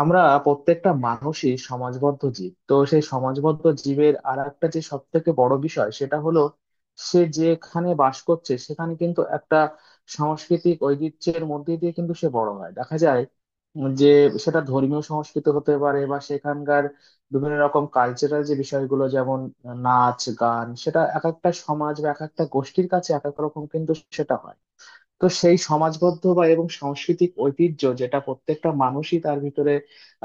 আমরা প্রত্যেকটা মানুষই সমাজবদ্ধ জীব, তো সেই সমাজবদ্ধ জীবের আর একটা যে সব থেকে বড় বিষয় সেটা হলো সে যেখানে বাস করছে সেখানে কিন্তু একটা সাংস্কৃতিক ঐতিহ্যের মধ্যে দিয়ে কিন্তু সে বড় হয়, দেখা যায় যে সেটা ধর্মীয় সংস্কৃতি হতে পারে বা সেখানকার বিভিন্ন রকম কালচারাল যে বিষয়গুলো, যেমন নাচ গান, সেটা এক একটা সমাজ বা এক একটা গোষ্ঠীর কাছে এক এক রকম, কিন্তু সেটা হয়। তো সেই সমাজবদ্ধ বা এবং সাংস্কৃতিক ঐতিহ্য যেটা প্রত্যেকটা মানুষই তার ভিতরে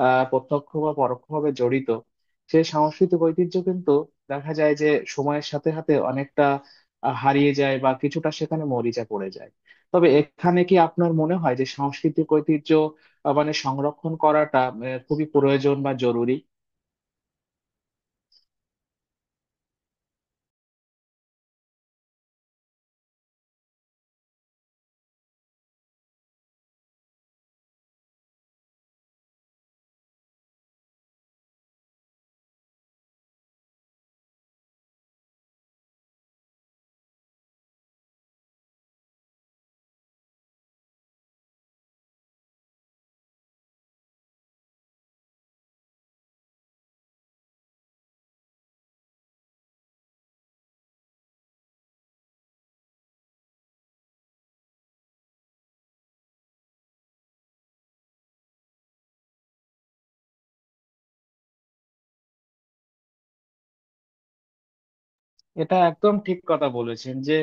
প্রত্যক্ষ বা পরোক্ষভাবে জড়িত, সেই সাংস্কৃতিক ঐতিহ্য কিন্তু দেখা যায় যে সময়ের সাথে সাথে অনেকটা হারিয়ে যায় বা কিছুটা সেখানে মরিচা পড়ে যায়। তবে এখানে কি আপনার মনে হয় যে সাংস্কৃতিক ঐতিহ্য মানে সংরক্ষণ করাটা খুবই প্রয়োজন বা জরুরি? এটা একদম ঠিক কথা বলেছেন যে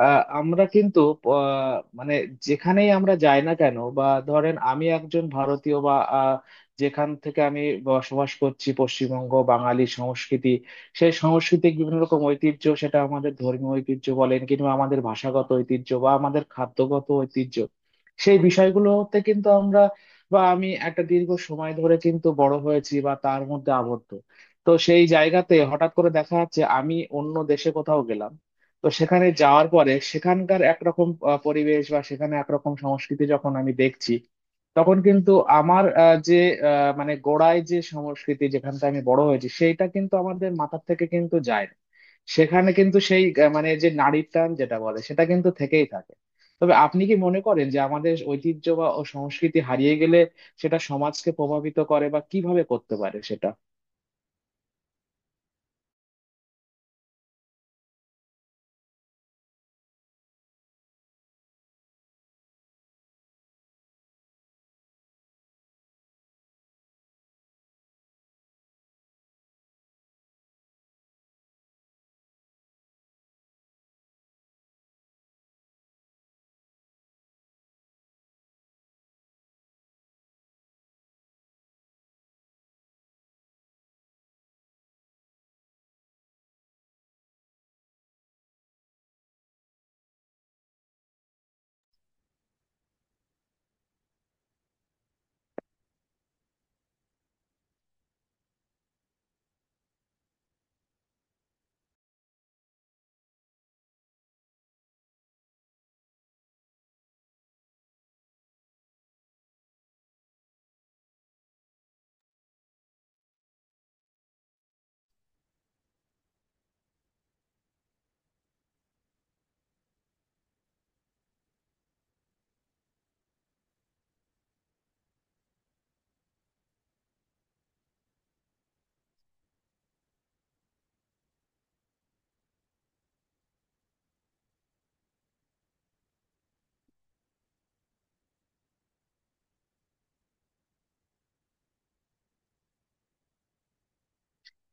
আমরা কিন্তু আহ, মানে যেখানেই আমরা যাই না কেন, বা ধরেন আমি একজন ভারতীয়, বা যেখান থেকে আমি বসবাস করছি পশ্চিমবঙ্গ, বাঙালি সংস্কৃতি, সেই সংস্কৃতির বিভিন্ন রকম ঐতিহ্য, সেটা আমাদের ধর্মীয় ঐতিহ্য বলেন কিংবা আমাদের ভাষাগত ঐতিহ্য বা আমাদের খাদ্যগত ঐতিহ্য, সেই বিষয়গুলোতে কিন্তু আমরা বা আমি একটা দীর্ঘ সময় ধরে কিন্তু বড় হয়েছি বা তার মধ্যে আবদ্ধ। তো সেই জায়গাতে হঠাৎ করে দেখা যাচ্ছে আমি অন্য দেশে কোথাও গেলাম, তো সেখানে যাওয়ার পরে সেখানকার একরকম পরিবেশ বা সেখানে একরকম সংস্কৃতি যখন আমি দেখছি, তখন কিন্তু আমার মানে গোড়ায় যে সংস্কৃতি যেখানটা আমি বড় হয়েছি সেইটা কিন্তু আমাদের মাথার থেকে কিন্তু যায় না। সেখানে কিন্তু সেই মানে যে নারীর টান যেটা বলে, সেটা কিন্তু থেকেই থাকে। তবে আপনি কি মনে করেন যে আমাদের ঐতিহ্য বা ও সংস্কৃতি হারিয়ে গেলে সেটা সমাজকে প্রভাবিত করে, বা কিভাবে করতে পারে সেটা?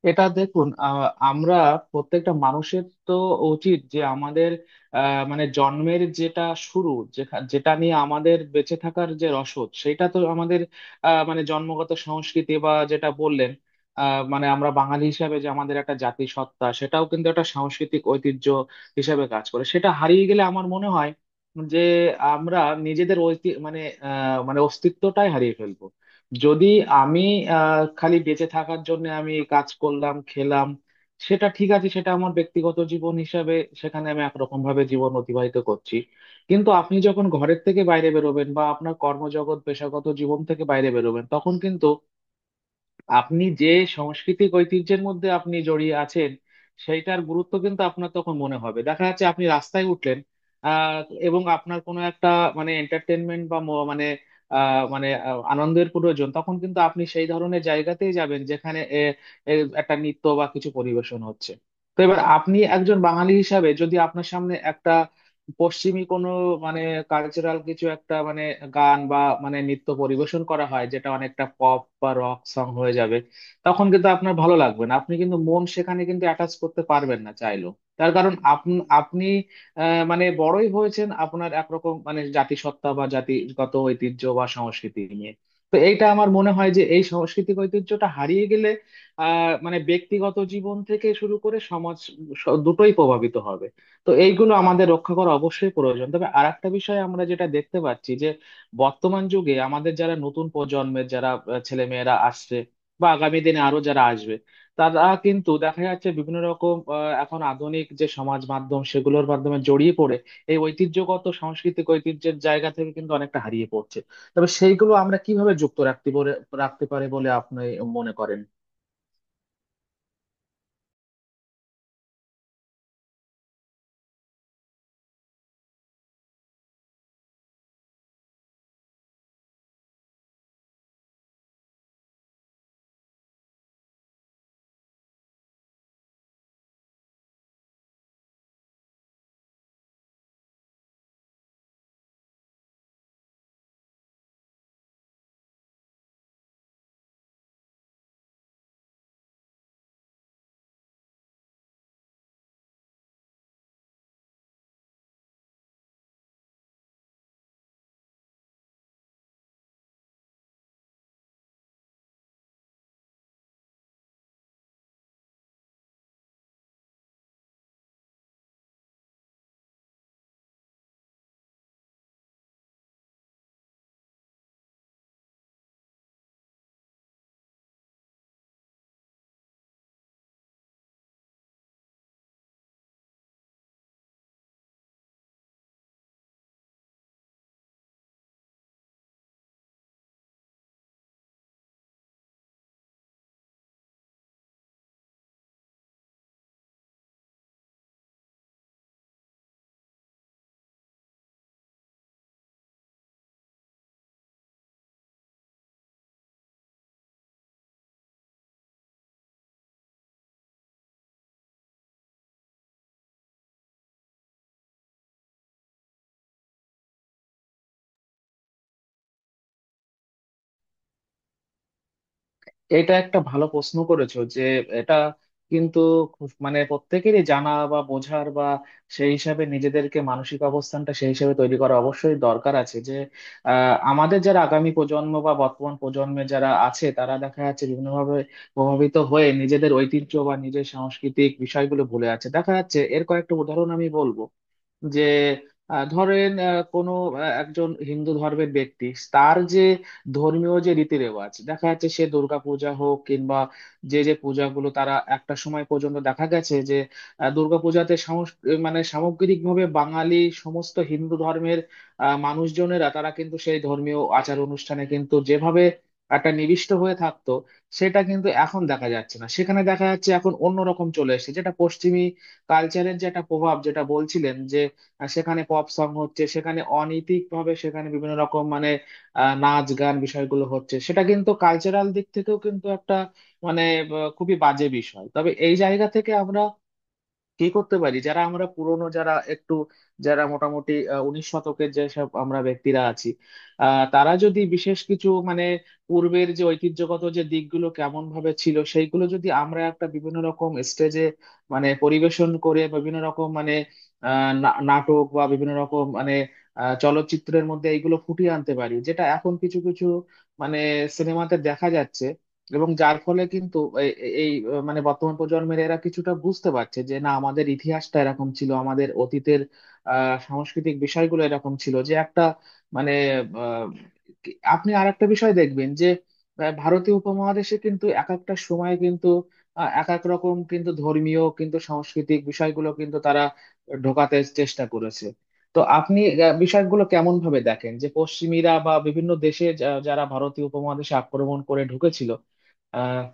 এটা দেখুন, আমরা প্রত্যেকটা মানুষের তো উচিত যে আমাদের মানে জন্মের যেটা শুরু, যেটা নিয়ে আমাদের বেঁচে থাকার যে রসদ, সেটা তো আমাদের মানে জন্মগত সংস্কৃতি বা যেটা বললেন মানে আমরা বাঙালি হিসাবে যে আমাদের একটা জাতিসত্তা, সেটাও কিন্তু একটা সাংস্কৃতিক ঐতিহ্য হিসাবে কাজ করে। সেটা হারিয়ে গেলে আমার মনে হয় যে আমরা নিজেদের মানে মানে অস্তিত্বটাই হারিয়ে ফেলবো। যদি আমি খালি বেঁচে থাকার জন্য আমি এই কাজ করলাম, খেলাম, সেটা ঠিক আছে, সেটা আমার ব্যক্তিগত জীবন হিসাবে সেখানে আমি একরকম ভাবে জীবন অতিবাহিত করছি। কিন্তু আপনি যখন ঘরের থেকে বাইরে বেরোবেন বা আপনার কর্মজগৎ পেশাগত জীবন থেকে বাইরে বেরোবেন, তখন কিন্তু আপনি যে সাংস্কৃতিক ঐতিহ্যের মধ্যে আপনি জড়িয়ে আছেন, সেইটার গুরুত্ব কিন্তু আপনার তখন মনে হবে। দেখা যাচ্ছে আপনি রাস্তায় উঠলেন, আহ, এবং আপনার কোনো একটা মানে এন্টারটেনমেন্ট বা মানে আনন্দের প্রয়োজন, তখন কিন্তু আপনি সেই ধরনের জায়গাতেই যাবেন যেখানে এ, এ, একটা নৃত্য বা কিছু পরিবেশন হচ্ছে। তো এবার আপনি একজন বাঙালি হিসাবে যদি আপনার সামনে একটা পশ্চিমী কোনো মানে কালচারাল কিছু একটা, মানে গান বা মানে নৃত্য পরিবেশন করা হয় যেটা অনেকটা পপ বা রক সং হয়ে যাবে, তখন কিন্তু আপনার ভালো লাগবে না, আপনি কিন্তু মন সেখানে কিন্তু অ্যাটাচ করতে পারবেন না চাইলেও। তার কারণ আপনি আপনি আহ, মানে বড়ই হয়েছেন আপনার একরকম মানে জাতিসত্তা বা জাতিগত ঐতিহ্য বা সংস্কৃতি নিয়ে। তো এইটা আমার মনে হয় যে এই সাংস্কৃতিক ঐতিহ্যটা হারিয়ে গেলে মানে ব্যক্তিগত জীবন থেকে শুরু করে সমাজ, দুটোই প্রভাবিত হবে। তো এইগুলো আমাদের রক্ষা করা অবশ্যই প্রয়োজন। তবে আর একটা বিষয়ে আমরা যেটা দেখতে পাচ্ছি যে বর্তমান যুগে আমাদের যারা নতুন প্রজন্মের, যারা ছেলে মেয়েরা আসছে বা আগামী দিনে আরো যারা আসবে, তারা কিন্তু দেখা যাচ্ছে বিভিন্ন রকম এখন আধুনিক যে সমাজ মাধ্যম, সেগুলোর মাধ্যমে জড়িয়ে পড়ে এই ঐতিহ্যগত সাংস্কৃতিক ঐতিহ্যের জায়গা থেকে কিন্তু অনেকটা হারিয়ে পড়ছে। তবে সেইগুলো আমরা কিভাবে যুক্ত রাখতে পারে বলে আপনি মনে করেন? এটা একটা ভালো প্রশ্ন করেছো যে এটা কিন্তু খুব মানে প্রত্যেকেরই জানা বা বোঝার বা সেই হিসাবে নিজেদেরকে মানসিক অবস্থানটা সেই হিসাবে তৈরি করা অবশ্যই দরকার আছে যে আমাদের যারা আগামী প্রজন্ম বা বর্তমান প্রজন্মে যারা আছে তারা দেখা যাচ্ছে বিভিন্নভাবে প্রভাবিত হয়ে নিজেদের ঐতিহ্য বা নিজের সাংস্কৃতিক বিষয়গুলো ভুলে আছে। দেখা যাচ্ছে এর কয়েকটা উদাহরণ আমি বলবো যে ধরেন একজন হিন্দু ধর্মের ব্যক্তি, তার যে ধর্মীয় যে রীতি রেওয়াজ দেখা যাচ্ছে, সে দুর্গা পূজা হোক কিংবা যে যে পূজাগুলো, তারা একটা সময় পর্যন্ত দেখা গেছে যে দুর্গাপূজাতে মানে সামগ্রিকভাবে বাঙালি সমস্ত হিন্দু ধর্মের মানুষজনেরা, তারা কিন্তু সেই ধর্মীয় আচার অনুষ্ঠানে কিন্তু যেভাবে একটা নিবিষ্ট হয়ে থাকতো, সেটা কিন্তু এখন দেখা যাচ্ছে না। সেখানে দেখা যাচ্ছে এখন অন্যরকম চলে এসেছে, যেটা পশ্চিমী কালচারের যে একটা প্রভাব যেটা বলছিলেন, আর সেখানে পপ সং হচ্ছে, সেখানে অনৈতিক ভাবে সেখানে বিভিন্ন রকম মানে নাচ গান বিষয়গুলো হচ্ছে, সেটা কিন্তু কালচারাল দিক থেকেও কিন্তু একটা মানে খুবই বাজে বিষয়। তবে এই জায়গা থেকে আমরা কি করতে পারি, যারা আমরা পুরনো, যারা একটু যারা মোটামুটি উনিশ শতকের যেসব আমরা ব্যক্তিরা আছি, তারা যদি বিশেষ কিছু মানে পূর্বের যে ঐতিহ্যগত যে দিকগুলো কেমন ভাবে ছিল সেইগুলো যদি আমরা একটা বিভিন্ন রকম স্টেজে মানে পরিবেশন করে, বিভিন্ন রকম মানে নাটক বা বিভিন্ন রকম মানে চলচ্চিত্রের মধ্যে এইগুলো ফুটিয়ে আনতে পারি, যেটা এখন কিছু কিছু মানে সিনেমাতে দেখা যাচ্ছে। এবং যার ফলে কিন্তু এই মানে বর্তমান প্রজন্মের এরা কিছুটা বুঝতে পারছে যে না, আমাদের ইতিহাসটা এরকম ছিল, আমাদের অতীতের সাংস্কৃতিক বিষয়গুলো এরকম ছিল, যে একটা মানে আহ, আপনি আর একটা বিষয় দেখবেন যে ভারতীয় উপমহাদেশে কিন্তু এক একটা সময়ে কিন্তু এক এক রকম কিন্তু ধর্মীয় কিন্তু সাংস্কৃতিক বিষয়গুলো কিন্তু তারা ঢোকাতে চেষ্টা করেছে। তো আপনি বিষয়গুলো কেমন ভাবে দেখেন যে পশ্চিমীরা বা বিভিন্ন দেশে যারা ভারতীয় উপমহাদেশে আক্রমণ করে ঢুকেছিল আহ